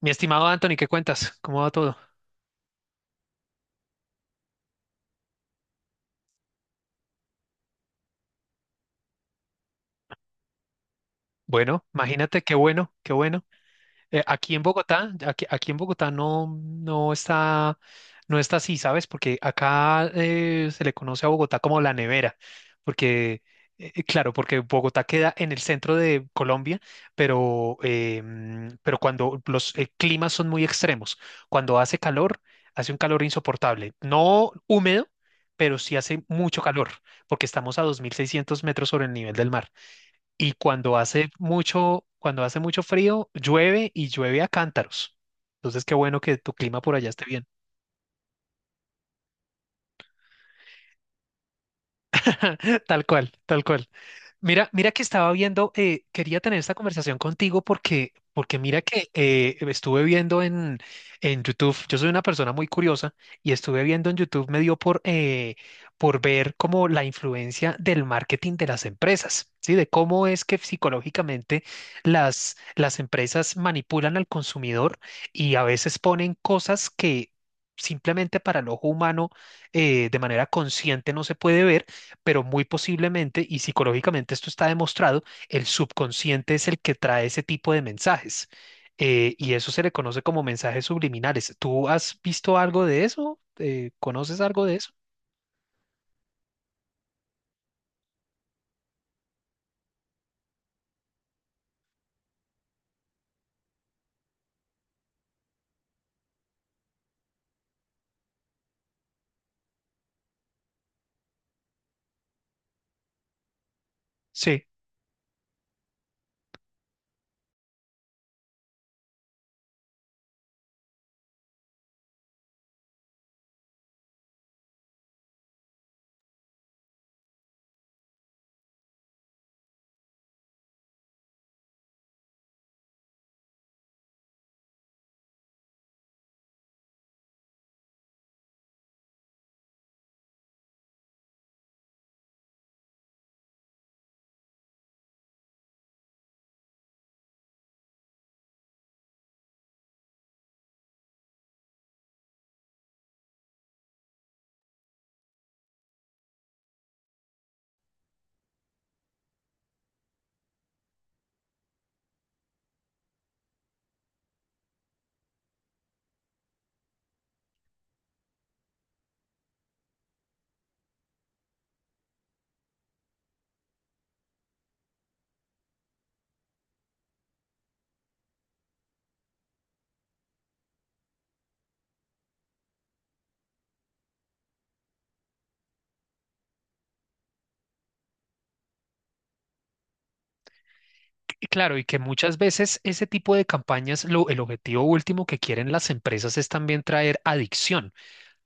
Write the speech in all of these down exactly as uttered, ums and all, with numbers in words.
Mi estimado Anthony, ¿qué cuentas? ¿Cómo va todo? Bueno, imagínate qué bueno, qué bueno. Eh, aquí en Bogotá, aquí, aquí en Bogotá no, no está, no está así, ¿sabes? Porque acá eh, se le conoce a Bogotá como la nevera, porque, eh, eh, claro, porque Bogotá queda en el centro de Colombia, pero, eh, mm, pero cuando los eh, climas son muy extremos, cuando hace calor, hace un calor insoportable, no húmedo, pero sí hace mucho calor, porque estamos a dos mil seiscientos metros sobre el nivel del mar y cuando hace mucho, cuando hace mucho frío, llueve y llueve a cántaros. Entonces, qué bueno que tu clima por allá esté bien. Tal cual, tal cual. Mira, mira que estaba viendo, eh, quería tener esta conversación contigo porque, porque mira que eh, estuve viendo en, en YouTube, yo soy una persona muy curiosa y estuve viendo en YouTube, me dio por, eh, por ver como la influencia del marketing de las empresas, ¿sí? De cómo es que psicológicamente las, las empresas manipulan al consumidor y a veces ponen cosas que simplemente para el ojo humano eh, de manera consciente no se puede ver, pero muy posiblemente, y psicológicamente esto está demostrado, el subconsciente es el que trae ese tipo de mensajes. Eh, y eso se le conoce como mensajes subliminales. ¿Tú has visto algo de eso? Eh, ¿conoces algo de eso? Sí, y claro, y que muchas veces ese tipo de campañas, lo, el objetivo último que quieren las empresas es también traer adicción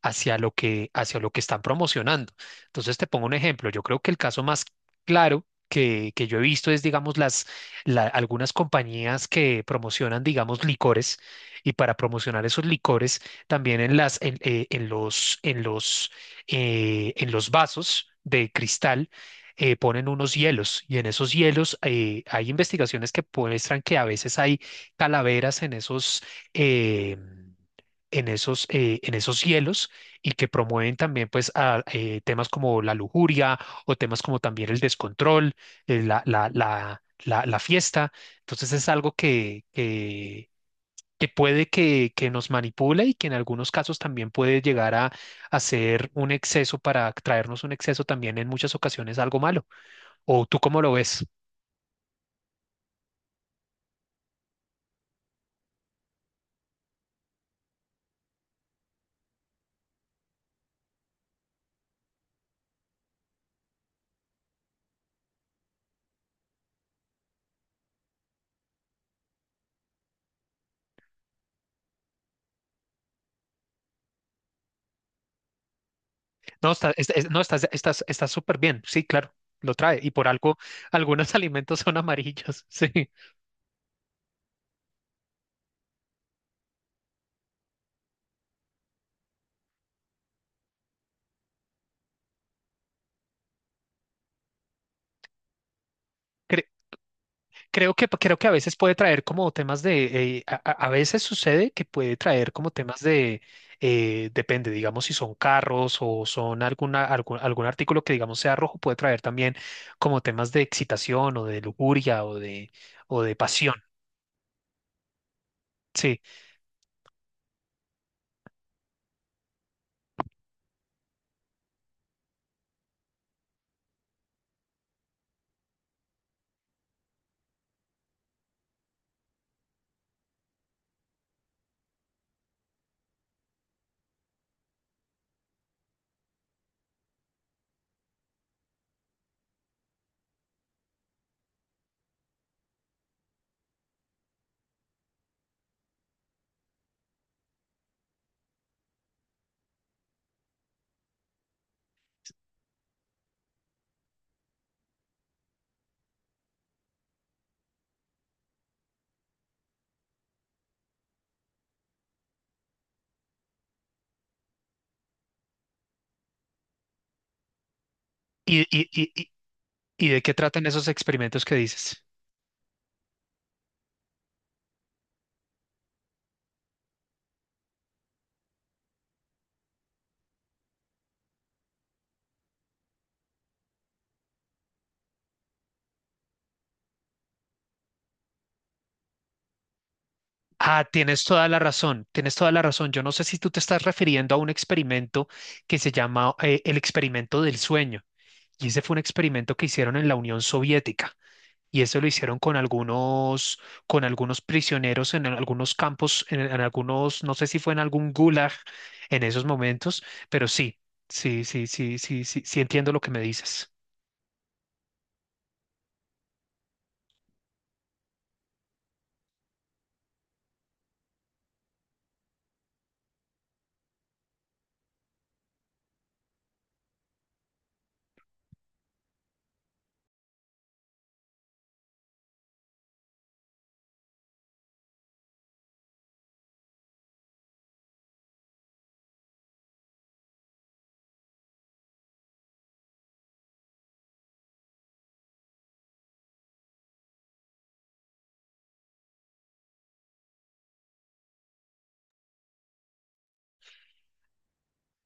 hacia lo que, hacia lo que están promocionando. Entonces, te pongo un ejemplo. Yo creo que el caso más claro que, que yo he visto es, digamos, las, la- algunas compañías que promocionan, digamos, licores, y para promocionar esos licores también en las, en, eh, en los, en los, eh, en los vasos de cristal, eh, ponen unos hielos y en esos hielos eh, hay investigaciones que muestran que a veces hay calaveras en esos, eh, en esos, eh, en esos hielos, y que promueven también pues a, eh, temas como la lujuria o temas como también el descontrol, eh, la, la, la, la, la fiesta. Entonces es algo que, que, que puede que, que nos manipule y que en algunos casos también puede llegar a, a ser un exceso, para traernos un exceso también en muchas ocasiones algo malo. ¿O tú cómo lo ves? No, está, es- es- no, estás, estás, estás súper bien. Sí, claro, lo trae. Y por algo, algunos alimentos son amarillos. Sí, creo que, creo que a veces puede traer como temas de, eh, a, a- a veces sucede que puede traer como temas de, eh, depende, digamos, si son carros o son alguna, algún, algún artículo que digamos sea rojo, puede traer también como temas de excitación o de lujuria o de, o de pasión, sí. ¿Y, y, y, y y de qué tratan esos experimentos que dices? Ah, tienes toda la razón, tienes toda la razón. Yo no sé si tú te estás refiriendo a un experimento que se llama, eh, el experimento del sueño. Y ese fue un experimento que hicieron en la Unión Soviética. Y eso lo hicieron con algunos, con algunos prisioneros en algunos campos, en, en algunos, no sé si fue en algún gulag en esos momentos, pero sí, sí, sí, sí, sí, sí, sí entiendo lo que me dices.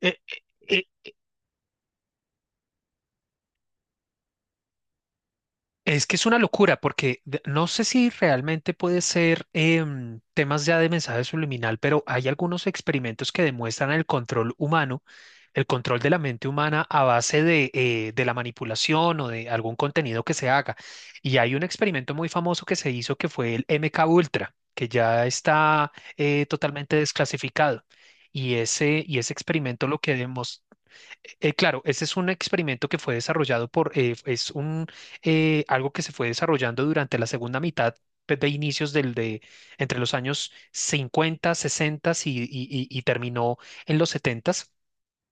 Eh, eh, Es que es una locura porque de- no sé si realmente puede ser em, temas ya de mensaje subliminal, pero hay algunos experimentos que demuestran el control humano, el control de la mente humana a base de, eh, de la manipulación o de algún contenido que se haga. Y hay un experimento muy famoso que se hizo, que fue el M K Ultra, que ya está eh, totalmente desclasificado. Y ese, y ese experimento lo que demostró... Eh, claro, ese es un experimento que fue desarrollado por, eh, es un, eh, algo que se fue desarrollando durante la segunda mitad, pues, de inicios del, de, entre los años cincuenta, sesenta, y, y- y- y terminó en los setenta.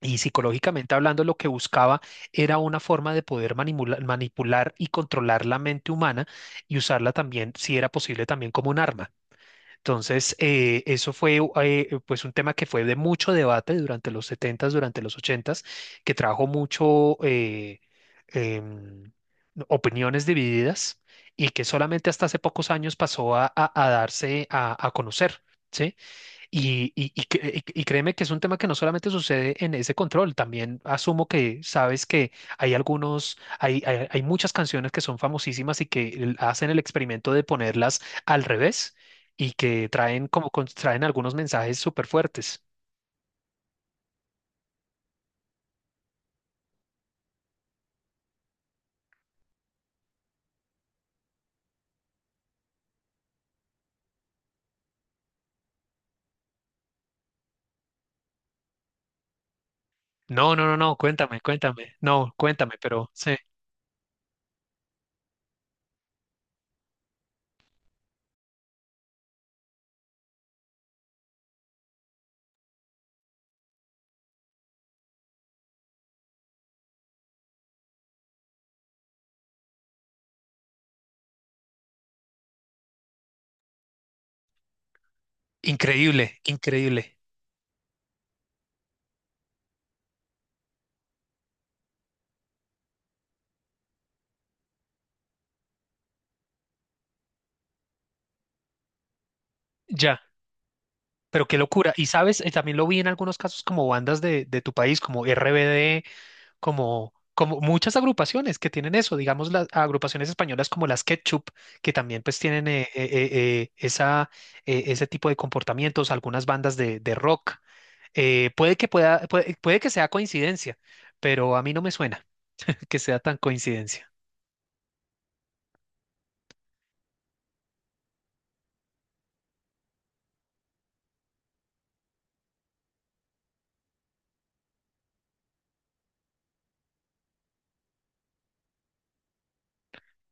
Y psicológicamente hablando, lo que buscaba era una forma de poder manimula- manipular y controlar la mente humana y usarla también, si era posible, también como un arma. Entonces, eh, eso fue, eh, eh, pues, un tema que fue de mucho debate durante los setentas, durante los ochentas, que trajo mucho eh, em, opiniones divididas, y que solamente hasta hace pocos años pasó a, a- a darse a, a conocer, ¿sí? Y, y- y cre- y créeme que es un tema que no solamente sucede en ese control, también asumo que sabes que hay algunos, hay, hay, hay muchas canciones que son famosísimas y que el- hacen el experimento de ponerlas al revés y que traen como con- traen algunos mensajes súper fuertes. No, no, no, no, cuéntame, cuéntame, no, cuéntame, pero sí. Increíble, increíble. Ya, pero qué locura. Y sabes, eh, también lo vi en algunos casos como bandas de, de tu país, como R B D, como, como muchas agrupaciones que tienen eso, digamos las agrupaciones españolas como las Ketchup, que también pues tienen eh, eh, eh, eh, esa, eh, ese tipo de comportamientos, algunas bandas de, de rock. Eh, puede que pueda, puede, puede que sea coincidencia, pero a mí no me suena que sea tan coincidencia.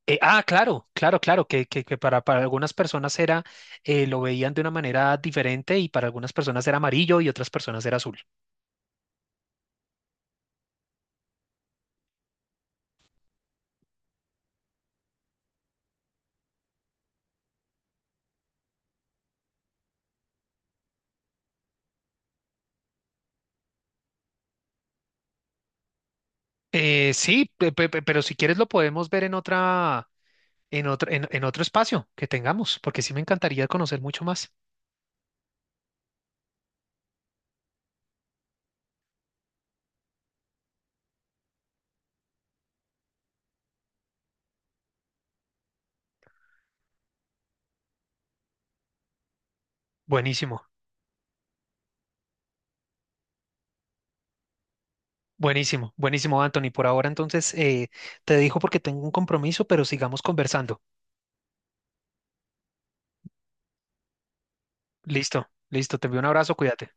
Eh, ah, claro, claro, claro, que, que, que para, para algunas personas era, eh, lo veían de una manera diferente, y para algunas personas era amarillo y otras personas era azul. Eh, sí, pe- pe- pe- pero si quieres lo podemos ver en otra, en otro, en, en otro espacio que tengamos, porque sí me encantaría conocer mucho más. Buenísimo, buenísimo, buenísimo, Anthony. Por ahora entonces, eh, te dejo porque tengo un compromiso, pero sigamos conversando. Listo, listo, te envío un abrazo, cuídate.